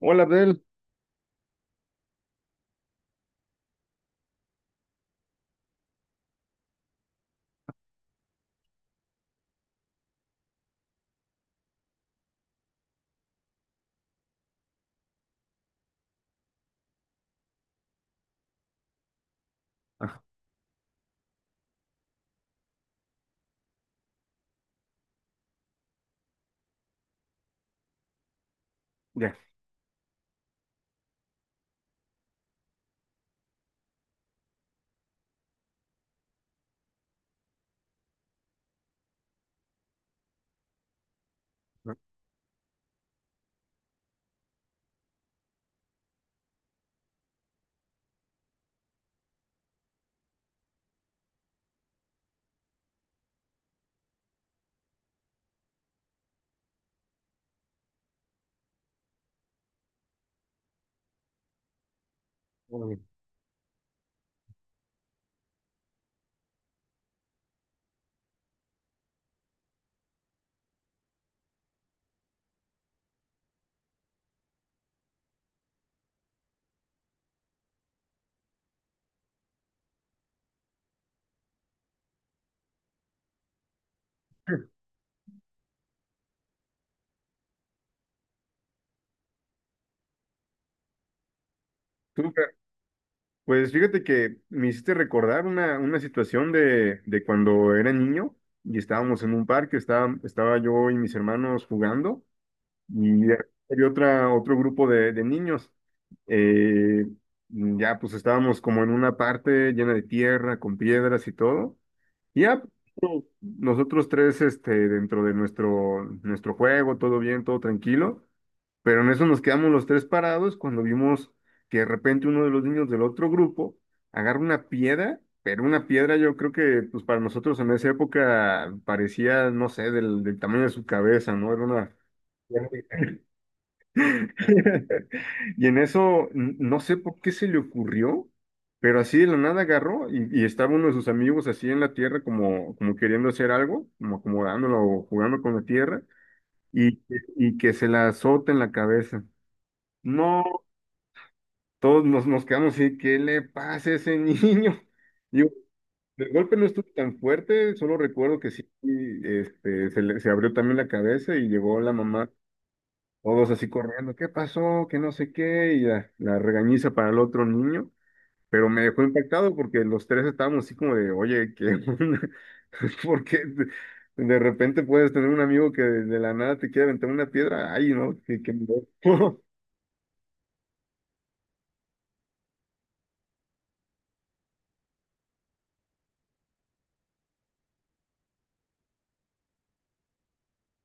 Hola, Abdel. Ya. Ah, hola, bien. Súper. Pues fíjate que me hiciste recordar una situación de cuando era niño y estábamos en un parque, estaba yo y mis hermanos jugando y había otro grupo de niños. Eh, ya pues estábamos como en una parte llena de tierra, con piedras y todo. Y ya pues, nosotros tres este, dentro de nuestro juego, todo bien, todo tranquilo. Pero en eso nos quedamos los tres parados cuando vimos que de repente uno de los niños del otro grupo agarra una piedra, pero una piedra yo creo que pues para nosotros en esa época parecía, no sé, del tamaño de su cabeza, ¿no? Era una... Y en eso, no sé por qué se le ocurrió, pero así de la nada agarró y estaba uno de sus amigos así en la tierra como, como queriendo hacer algo, como acomodándolo o jugando con la tierra y, y que se la azota en la cabeza. No, todos nos quedamos así, ¿qué le pasa a ese niño? Digo, el golpe no estuvo tan fuerte, solo recuerdo que sí, este, se abrió también la cabeza y llegó la mamá, todos así corriendo, ¿qué pasó? Que no sé qué, la regañiza para el otro niño, pero me dejó impactado porque los tres estábamos así como de, oye, ¿qué onda? Porque de repente puedes tener un amigo que de la nada te quiere aventar una piedra, ay, no, qué, qué miedo.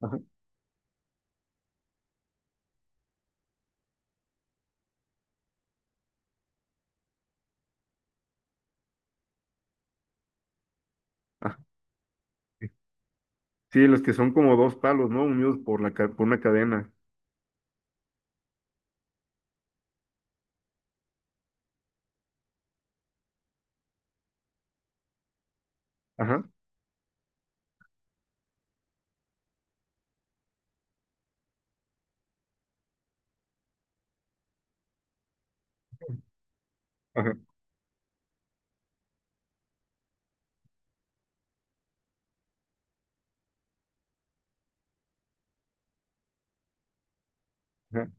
Ajá, ajá. Sí, los que son como dos palos, ¿no? Unidos por por una cadena. Ajá, ajá, ajá.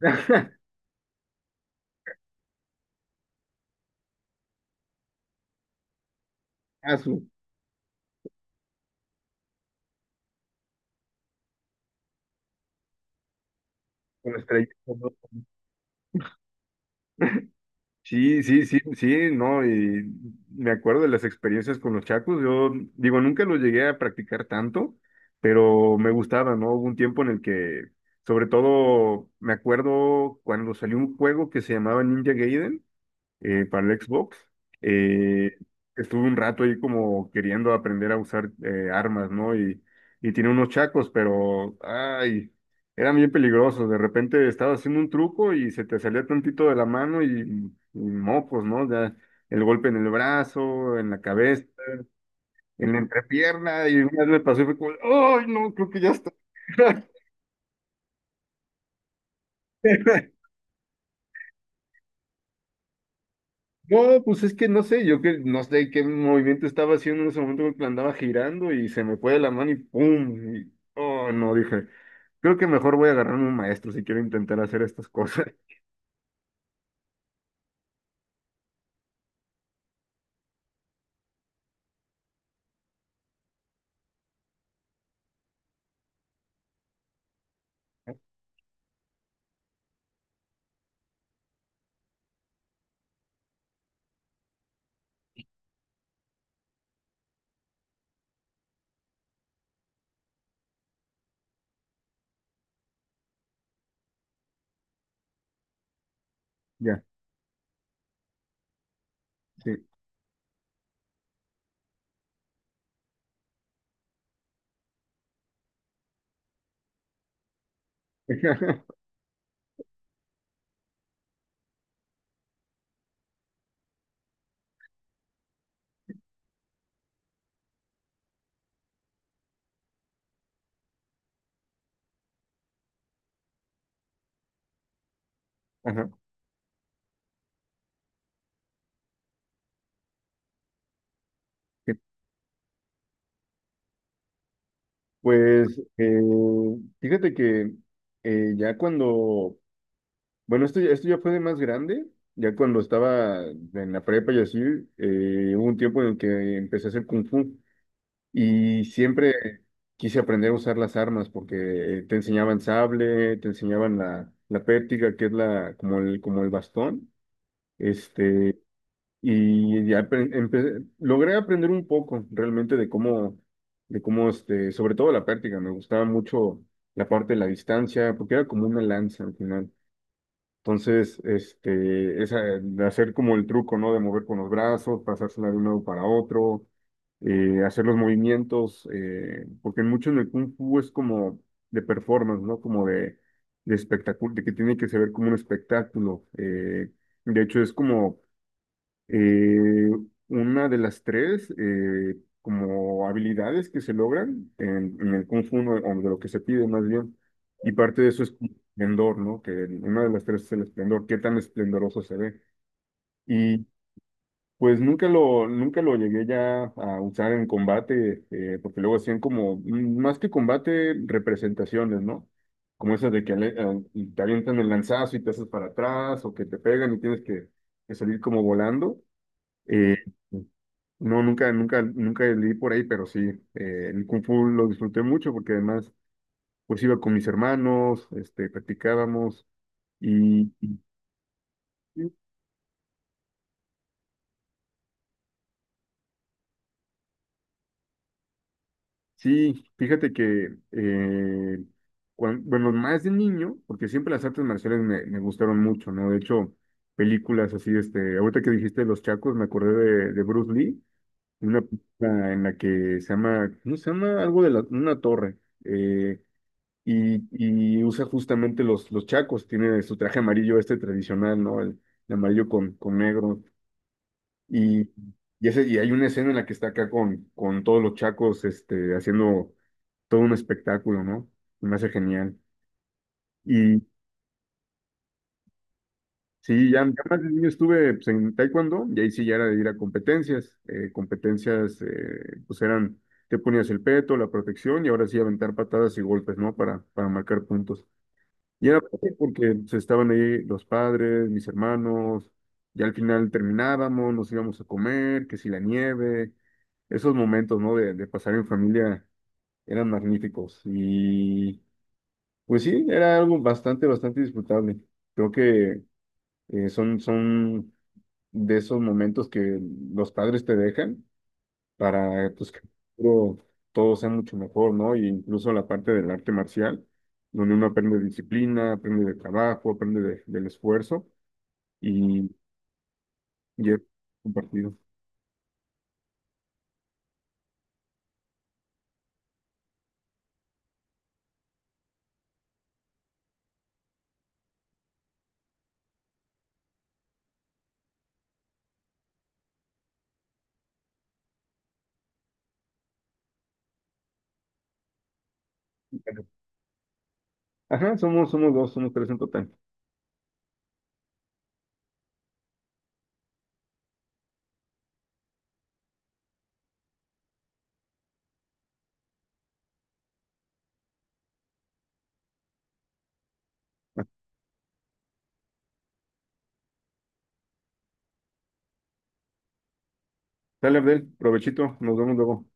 Azul, con estrellitas, ¿no? Sí, sí, sí, sí, no, y me acuerdo de las experiencias con los chacos. Yo digo, nunca los llegué a practicar tanto, pero me gustaba, ¿no? Hubo un tiempo en el que, sobre todo, me acuerdo cuando salió un juego que se llamaba Ninja Gaiden. Para el Xbox. Eh, Estuve un rato ahí como queriendo aprender a usar armas, ¿no? Y tiene unos chacos, pero, ay, eran bien peligrosos. De repente estaba haciendo un truco y se te salía tantito de la mano y mocos, ¿no? Ya el golpe en el brazo, en la cabeza, en la entrepierna, y una vez me pasó y fue como, ay, no, creo que ya está. No, pues es que no sé, yo que no sé qué movimiento estaba haciendo en ese momento porque la andaba girando y se me fue de la mano y ¡pum! Y, oh, no, dije, creo que mejor voy a agarrarme un maestro si quiero intentar hacer estas cosas. Ya, sí. Ajá, sí. Pues fíjate que ya cuando, bueno, esto, esto ya fue de más grande, ya cuando estaba en la prepa y así, hubo un tiempo en el que empecé a hacer kung fu. Y siempre quise aprender a usar las armas porque te enseñaban sable, te enseñaban la pértiga, que es la, como el bastón. Este, y ya logré aprender un poco realmente de cómo, este, sobre todo la pértiga, me gustaba mucho la parte de la distancia, porque era como una lanza al final. Entonces, este, esa, de hacer como el truco, ¿no? De mover con los brazos, pasársela de un lado para otro, hacer los movimientos, porque mucho en el Kung Fu es como de performance, ¿no? Como de espectáculo, de que tiene que se ver como un espectáculo. De hecho, es como eh, una de las tres, como habilidades que se logran en el Kung Fu, ¿no? O de lo que se pide más bien, y parte de eso es como esplendor, ¿no? Que una de las tres es el esplendor, qué tan esplendoroso se ve. Y pues nunca lo, nunca lo llegué ya a usar en combate, porque luego hacían como, mm, más que combate, representaciones, ¿no? Como esas de que te avientan el lanzazo y te haces para atrás, o que te pegan y tienes que salir como volando. Eh, no, nunca, nunca, nunca leí por ahí, pero sí, el Kung Fu lo disfruté mucho porque además, pues iba con mis hermanos, este, practicábamos y sí, sí, fíjate que, bueno, más de niño, porque siempre las artes marciales me gustaron mucho, ¿no? De hecho, películas así, este, ahorita que dijiste Los Chacos, me acordé de Bruce Lee, una película en la que se llama, ¿cómo se llama? Algo de la, una torre. Eh, y, y usa justamente los chacos, tiene su traje amarillo este tradicional, ¿no? El amarillo con negro. Y, y, ese, y hay una escena en la que está acá con todos los chacos este, haciendo todo un espectáculo, ¿no? Y me hace genial. Y sí, ya, ya más de niño estuve pues, en taekwondo y ahí sí ya era de ir a competencias. Competencias pues eran, te ponías el peto, la protección y ahora sí aventar patadas y golpes, ¿no? Para marcar puntos. Y era fácil porque pues, estaban ahí los padres, mis hermanos, y al final terminábamos, nos íbamos a comer, que si la nieve, esos momentos, ¿no? De pasar en familia eran magníficos. Y pues sí, era algo bastante, bastante disfrutable. Creo que son, son de esos momentos que los padres te dejan para pues, que en el futuro todo sea mucho mejor, ¿no? Y incluso la parte del arte marcial, donde uno aprende disciplina, aprende de trabajo, del esfuerzo y, y es compartido. Ajá, somos, somos dos, somos tres en total. Dale, Abdel, provechito, nos vemos luego.